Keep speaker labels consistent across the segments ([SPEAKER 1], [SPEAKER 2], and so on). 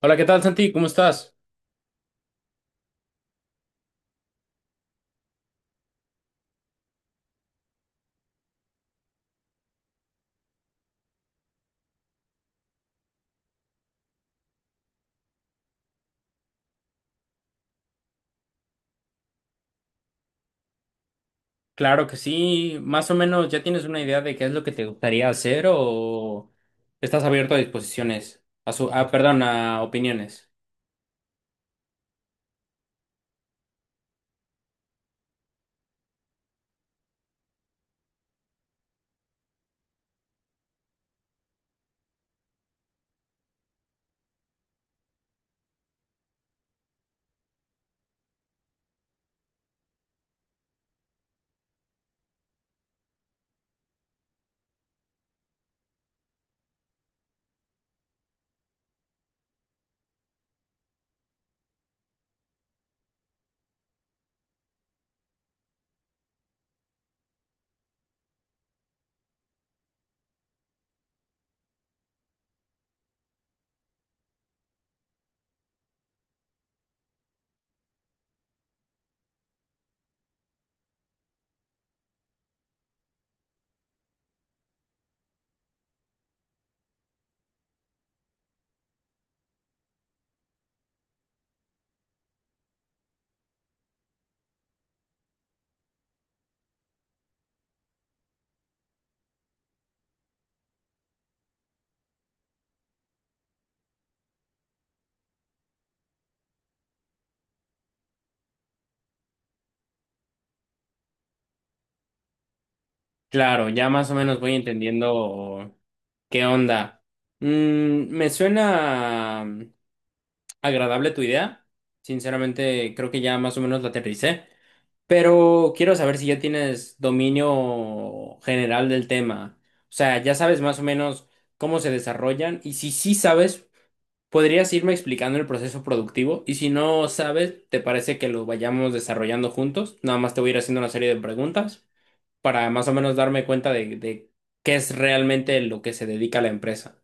[SPEAKER 1] Hola, ¿qué tal, Santi? ¿Cómo estás? Claro que sí. Más o menos, ¿ya tienes una idea de qué es lo que te gustaría hacer o estás abierto a disposiciones? A su, perdón, a opiniones. Claro, ya más o menos voy entendiendo qué onda. Mm, me suena. Agradable tu idea. Sinceramente, creo que ya más o menos la aterricé. Pero quiero saber si ya tienes dominio general del tema. O sea, ya sabes más o menos cómo se desarrollan y si sí sabes, podrías irme explicando el proceso productivo y si no sabes, ¿te parece que lo vayamos desarrollando juntos? Nada más te voy a ir haciendo una serie de preguntas para más o menos darme cuenta de qué es realmente lo que se dedica a la empresa.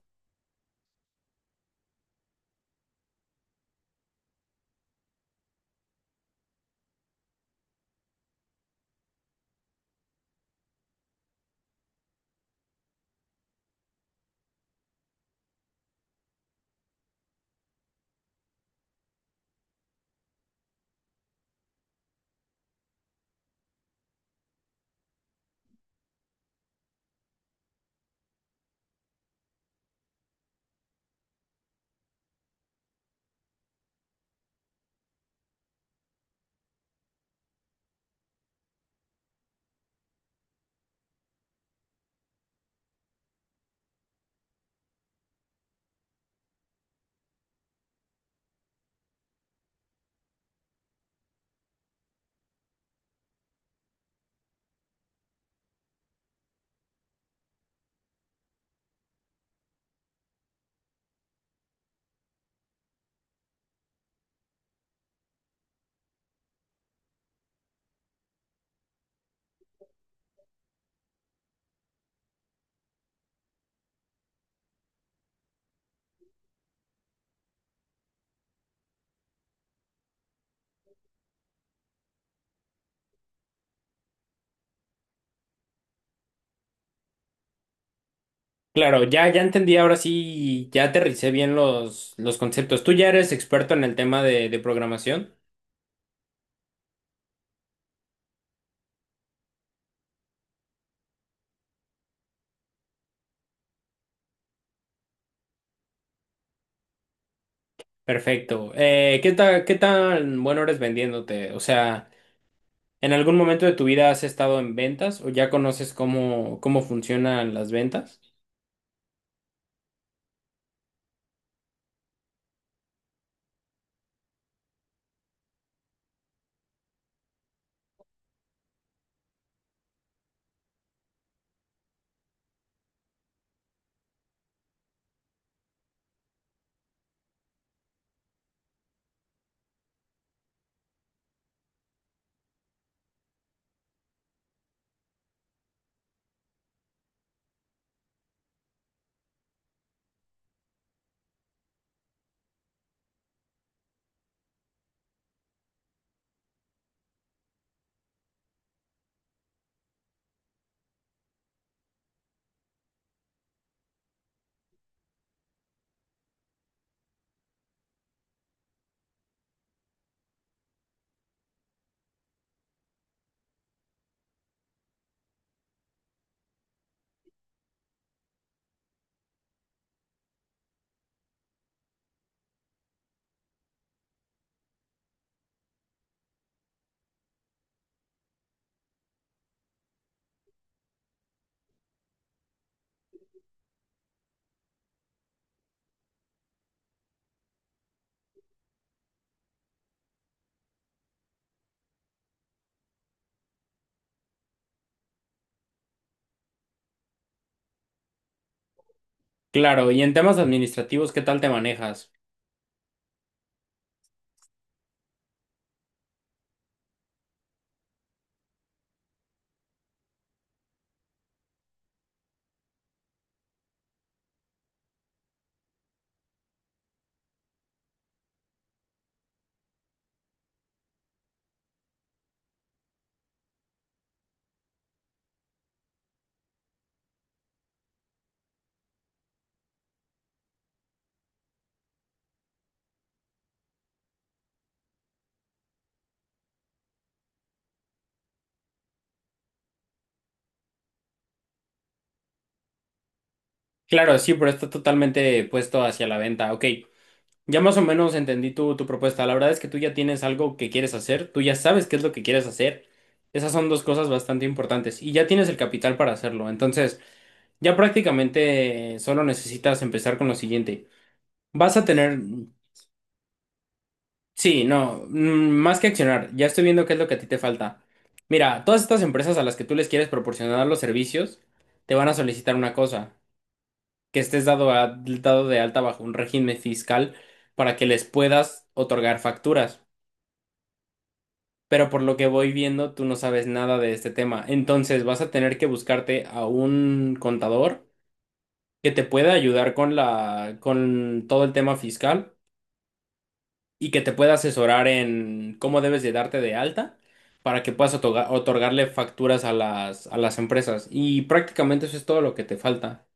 [SPEAKER 1] Claro, ya, ya entendí, ahora sí, ya aterricé bien los conceptos. Tú ya eres experto en el tema de programación. Perfecto. ¿Qué tal, qué tan bueno eres vendiéndote? O sea, ¿en algún momento de tu vida has estado en ventas o ya conoces cómo, cómo funcionan las ventas? Claro, y en temas administrativos, ¿qué tal te manejas? Claro, sí, pero está totalmente puesto hacia la venta. Ok, ya más o menos entendí tu propuesta. La verdad es que tú ya tienes algo que quieres hacer, tú ya sabes qué es lo que quieres hacer. Esas son dos cosas bastante importantes y ya tienes el capital para hacerlo. Entonces, ya prácticamente solo necesitas empezar con lo siguiente. Vas a tener, sí, no, más que accionar, ya estoy viendo qué es lo que a ti te falta. Mira, todas estas empresas a las que tú les quieres proporcionar los servicios, te van a solicitar una cosa, que estés dado, dado de alta bajo un régimen fiscal para que les puedas otorgar facturas. Pero por lo que voy viendo, tú no sabes nada de este tema. Entonces vas a tener que buscarte a un contador que te pueda ayudar con con todo el tema fiscal y que te pueda asesorar en cómo debes de darte de alta para que puedas otorgarle facturas a a las empresas. Y prácticamente eso es todo lo que te falta.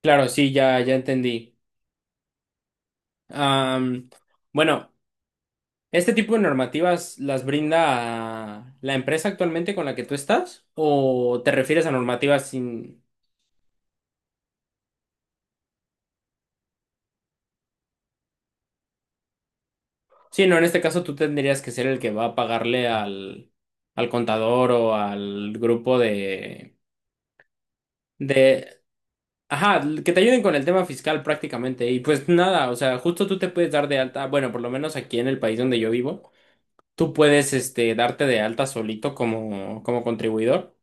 [SPEAKER 1] Claro, sí, ya, ya entendí. Am, bueno. ¿Este tipo de normativas las brinda la empresa actualmente con la que tú estás? ¿O te refieres a normativas sin... Sí, no, en este caso tú tendrías que ser el que va a pagarle al, al contador o al grupo de... Ajá, que te ayuden con el tema fiscal prácticamente. Y pues nada, o sea, justo tú te puedes dar de alta, bueno, por lo menos aquí en el país donde yo vivo, tú puedes este, darte de alta solito como, como contribuidor.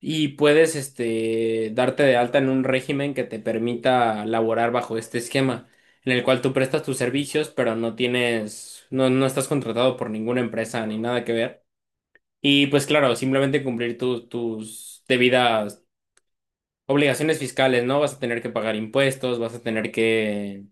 [SPEAKER 1] Y puedes, este, darte de alta en un régimen que te permita laborar bajo este esquema, en el cual tú prestas tus servicios, pero no tienes, no, no estás contratado por ninguna empresa ni nada que ver. Y pues claro, simplemente cumplir tus debidas obligaciones fiscales, ¿no? Vas a tener que pagar impuestos, vas a tener que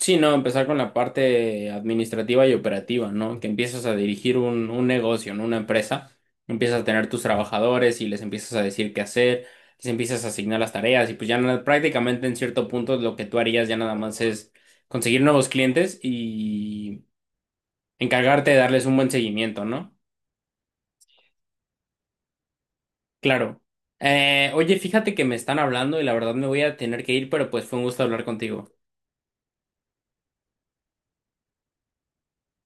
[SPEAKER 1] sí, no, empezar con la parte administrativa y operativa, ¿no? Que empiezas a dirigir un negocio, ¿no? Una empresa. Empiezas a tener tus trabajadores y les empiezas a decir qué hacer, les empiezas a asignar las tareas y pues ya nada- prácticamente en cierto punto lo que tú harías ya nada más es conseguir nuevos clientes y encargarte de darles un buen seguimiento, ¿no? Claro. Oye, fíjate que me están hablando y la verdad me voy a tener que ir, pero pues fue un gusto hablar contigo.